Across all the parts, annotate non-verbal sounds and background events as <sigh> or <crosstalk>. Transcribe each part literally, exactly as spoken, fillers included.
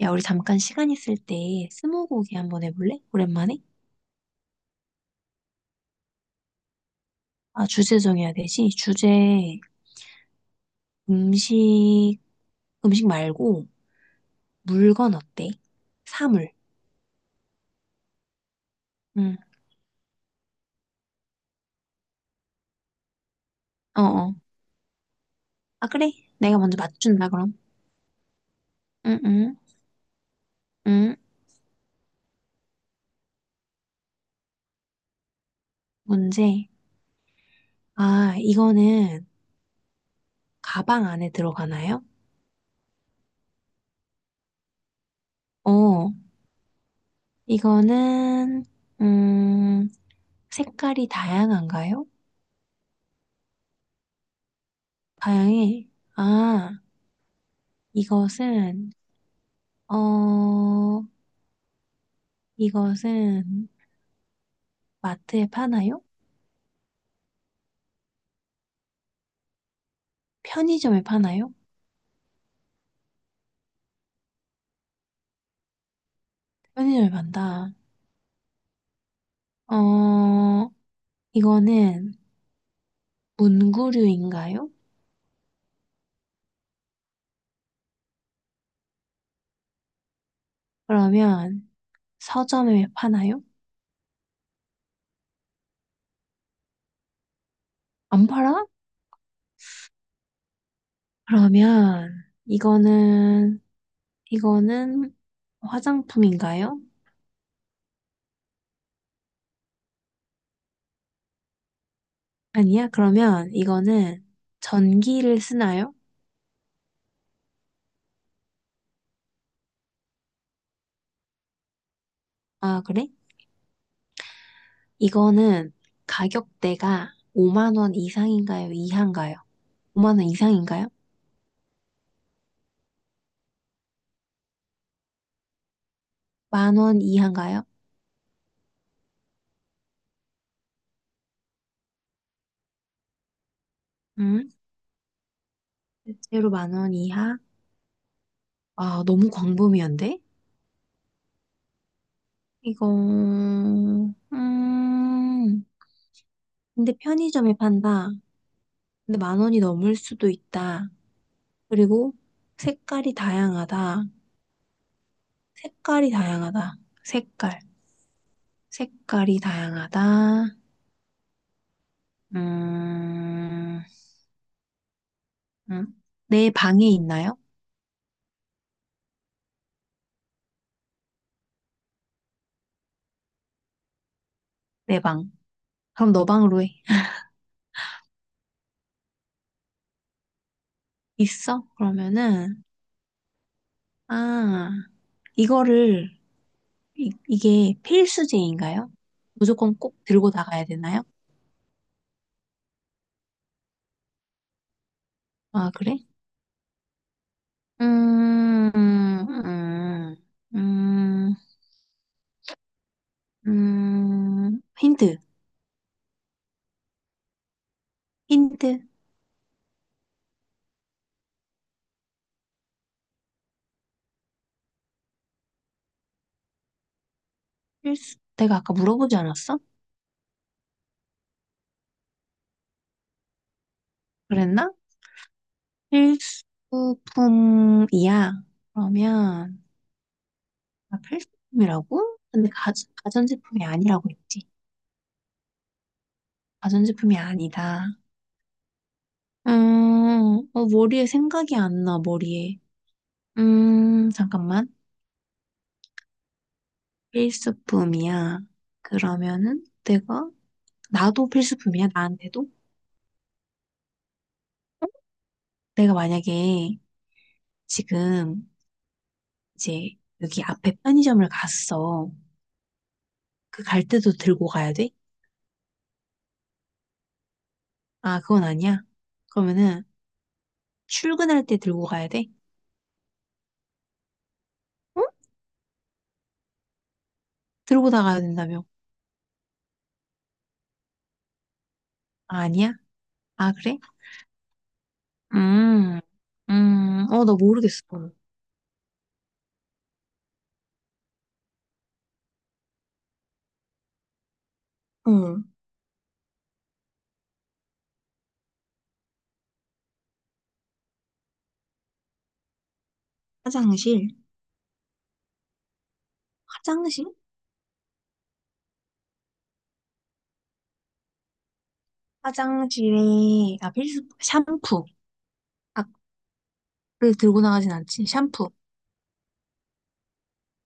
야, 우리 잠깐 시간 있을 때 스무고개 한번 해볼래? 오랜만에? 아, 주제 정해야 되지? 주제 음식, 음식 말고 물건 어때? 사물. 응, 어어. 아, 그래? 내가 먼저 맞춘다, 그럼. 응, 응, 응. 문제. 아, 이거는 가방 안에 들어가나요? 어, 이거는, 음, 색깔이 다양한가요? 다양해. 아, 이것은, 어, 이것은 마트에 파나요? 편의점에 파나요? 편의점에 판다. 어, 이거는 문구류인가요? 그러면 서점에 파나요? 안 팔아? 그러면 이거는, 이거는 화장품인가요? 아니야. 그러면 이거는 전기를 쓰나요? 아, 그래? 이거는 가격대가 오만 원 이상인가요? 이하인가요? 오만 원 이상인가요? 만원 이하인가요? 응? 실제로 만원 이하? 아, 너무 광범위한데? 이거, 음, 근데 편의점에 판다. 근데 만 원이 넘을 수도 있다. 그리고 색깔이 다양하다. 색깔이 다양하다. 색깔. 색깔이 다양하다. 음, 음. 내 방에 있나요? 내 방. 그럼 너 방으로 해. <laughs> 있어? 그러면은, 아, 이거를 이, 이게 필수제인가요? 무조건 꼭 들고 나가야 되나요? 아, 그래? 음, 음, 음, 음, 힌트, 힌트. 필수, 내가 아까 물어보지 않았어? 그랬나? 필수품이야. 그러면, 아, 필수품이라고? 근데 가, 가전제품이 아니라고 했지. 가전제품이 아니다. 음, 어, 머리에 생각이 안 나, 머리에. 음, 잠깐만. 필수품이야. 그러면은 내가 나도 필수품이야. 나한테도 내가 만약에 지금 이제 여기 앞에 편의점을 갔어. 그 갈 때도 들고 가야 돼? 아, 그건 아니야. 그러면은 출근할 때 들고 가야 돼? 응? 들고 나가야 된다며? 아, 아니야? 아, 그래? 음, 음, 어, 나 모르겠어. 응. 화장실, 화장실? 화장실에, 아, 필수, 샴푸. 아, 그 들고 나가진 않지. 샴푸.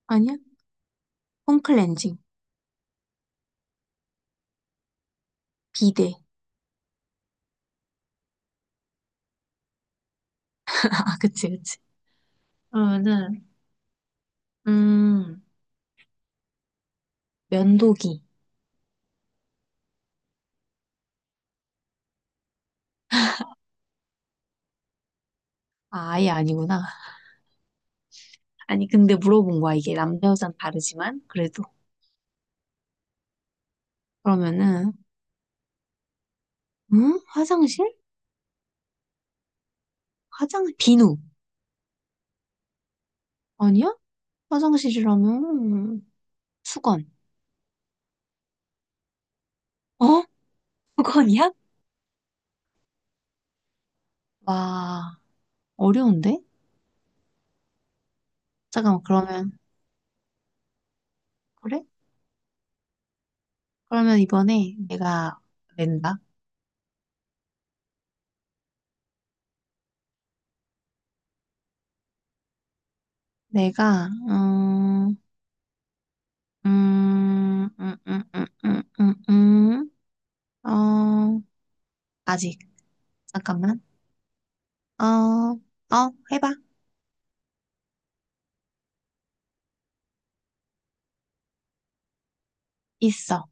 아니야? 폼클렌징, 비데. <laughs> 아, 그치, 그치. 그러면은, 음, 면도기. 아, 아예 아니구나. 아니, 근데 물어본 거야. 이게 남자, 여자는 다르지만, 그래도. 그러면은, 음? 화장실? 화장, 비누. 아니야? 화장실이라면, 수건. 어? 수건이야? 와, 어려운데? 잠깐만, 그러면, 그래? 그러면 이번에 내가 낸다. 내가, 음, 음, 음, 음, 음, 음, 음, 음. 음. 어, 아직. 잠깐만. 어, 어, 해봐. 있어.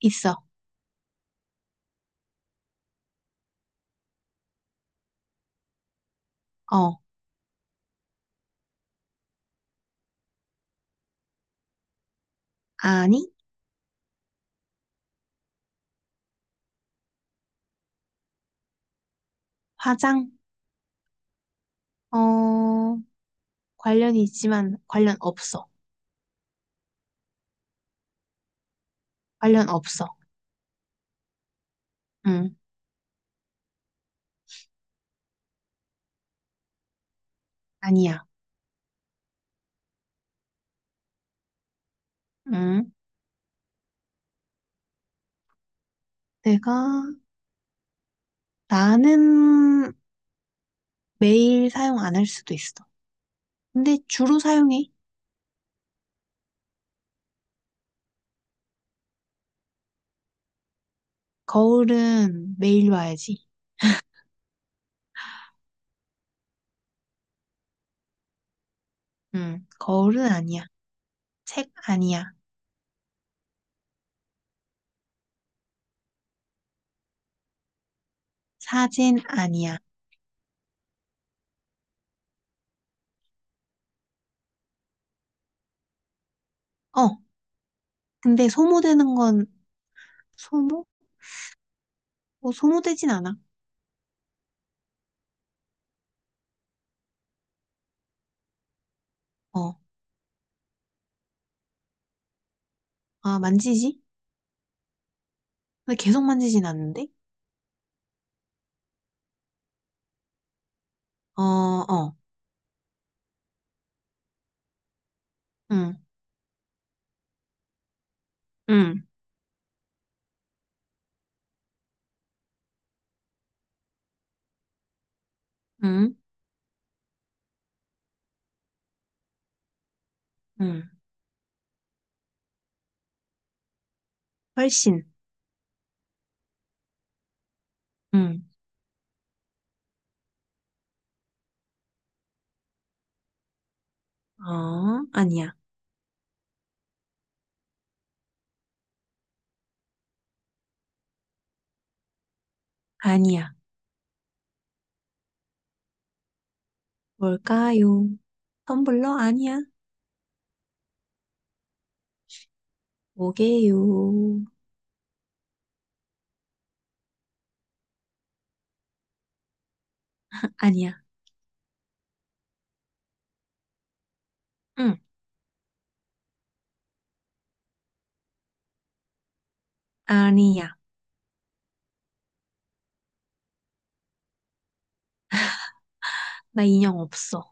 있어. 어, 아니, 화장. 어, 관련이 있지만 관련 없어. 관련 없어. 응, 아니야. 응, 내가, 나는 매일 사용 안 할 수도 있어. 근데 주로 사용해. 거울은 매일 봐야지. 응, 거울은 아니야. 책 아니야. 사진 아니야. 어, 근데 소모되는 건 소모? 어, 소모되진 않아. 어, 아, 만지지? 근데 계속 만지진 않는데? 어, 어, 응, 응, 응, 응. 훨씬, 응. 어, 아니야. 아니야. 뭘까요? 텀블러 아니야. 뭐게요? 아니야. 응, 아니야. 나 인형 없어.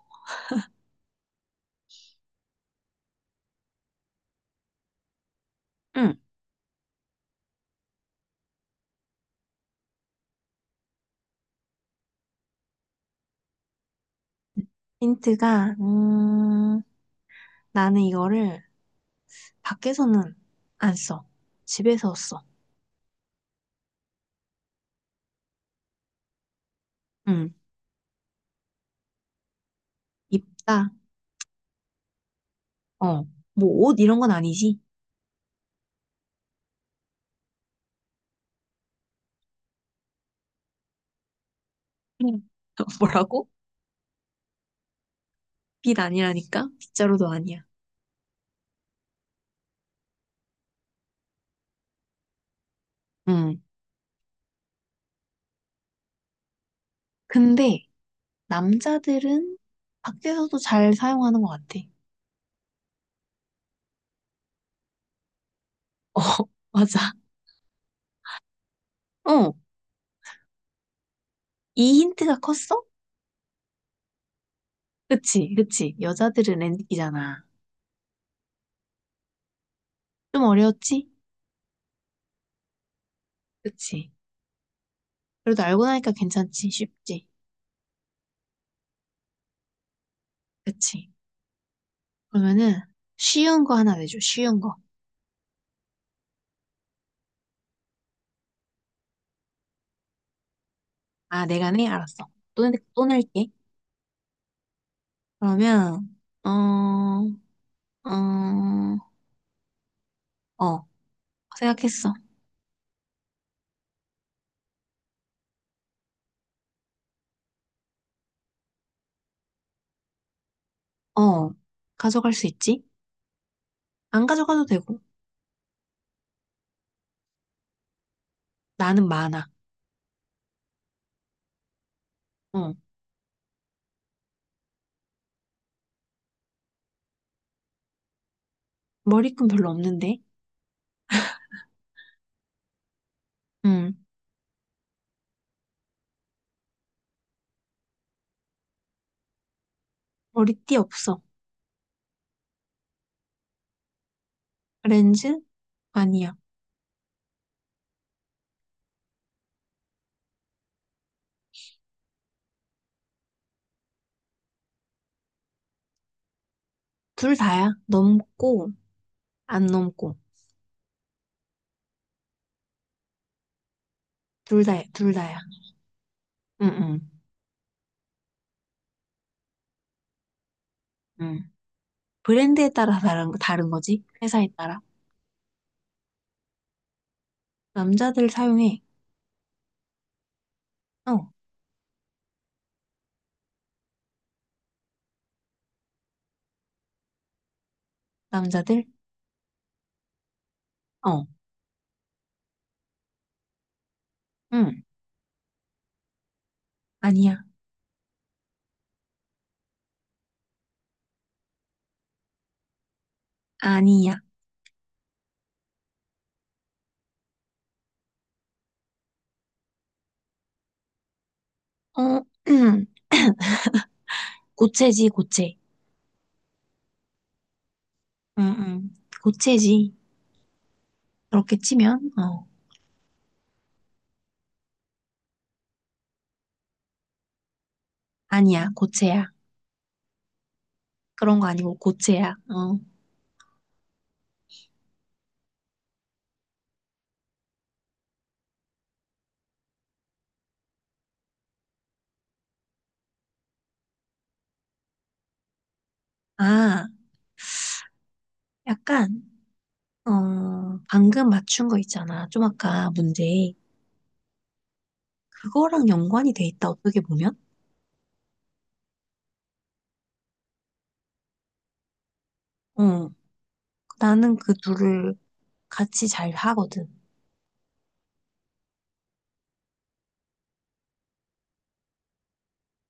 응. 힌트가, 음, 나는 이거를 밖에서는 안 써. 집에서 써. 응. 입다. 어. 뭐 옷 이런 건 아니지? 응. <laughs> 뭐라고? 빛 아니라니까? 빗자루도 아니야. 응. 근데 남자들은 밖에서도 잘 사용하는 것 같아. <laughs> 어, 맞아. 어, 이 힌트가 컸어? 그치, 그치. 여자들은 엔딩이잖아. 좀 어려웠지? 그치. 그래도 알고 나니까 괜찮지, 쉽지. 그치. 그러면은 쉬운 거 하나 내줘, 쉬운 거. 아, 내가 내? 알았어. 또, 내- 또 낼게. 그러면, 어, 어, 어, 생각했어. 어, 가져갈 수 있지? 안 가져가도 되고. 나는 많아. 어. 머리끈 별로 없는데. 응. 머리띠 없어. 렌즈? 아니야. 둘 다야. 넘고, 안 넘고. 둘 다, 둘 다야. 응, 응, 응. 브랜드에 따라 다른, 다른 거지. 회사에 따라. 남자들 사용해. 어. 남자들? 어. 응. 아니야. 아니야. 어. <clears throat> 고체지, 고체. 응, 응. 고체지. 그렇게 치면, 어. 아니야. 고체야. 그런 거 아니고 고체야. 어. 아. 약간, 어, 방금 맞춘 거 있잖아. 좀 아까 문제. 그거랑 연관이 돼 있다, 어떻게 보면? 어, 나는 그 둘을 같이 잘 하거든.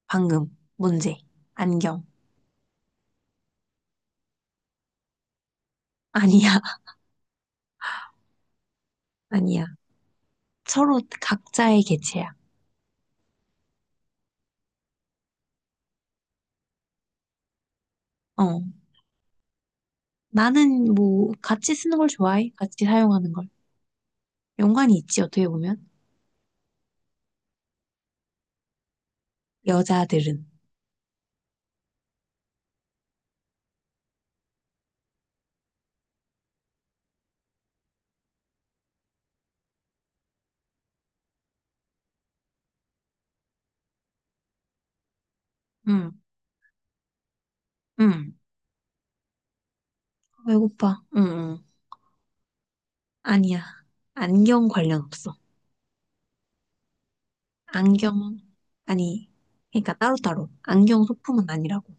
방금, 문제. 안경. 아니야, <laughs> 아니야. 서로 각자의 개체야. 어, 나는 뭐, 같이 쓰는 걸 좋아해. 같이 사용하는 걸. 연관이 있지, 어떻게 보면? 여자들은. 응, 응. 배고파. 응, 응. 아니야. 안경 관련 없어. 안경, 아니, 그러니까 따로따로. 안경 소품은 아니라고.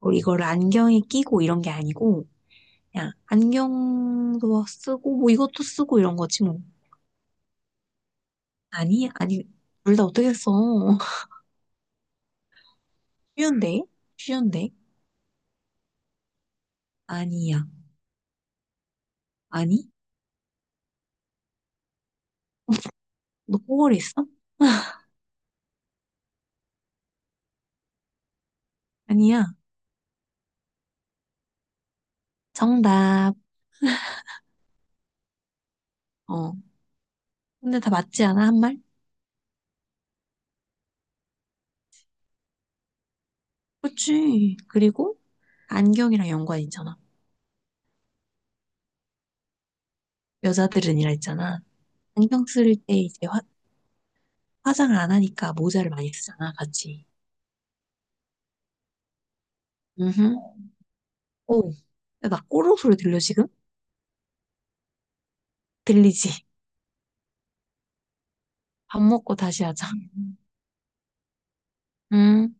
뭐 이걸 안경에 끼고 이런 게 아니고, 그냥 안경도 쓰고, 뭐 이것도 쓰고 이런 거지 뭐. 아니, 아니, 둘 다 어떻게 써? <laughs> 쉬운데? 쉬운데? 아니야. 아니? 너 꼬걸했어 <laughs> 아니야. 정답. 어. 근데 다 맞지 않아, 한 말? 그치. 그리고 안경이랑 연관 있잖아. 여자들은이라 했잖아. 안경 쓸 때 이제 화장을 안 하니까 모자를 많이 쓰잖아, 같이. 음. 오. 야, 나 꼬르륵 소리 들려, 지금? 들리지? 밥 먹고 다시 하자. 음.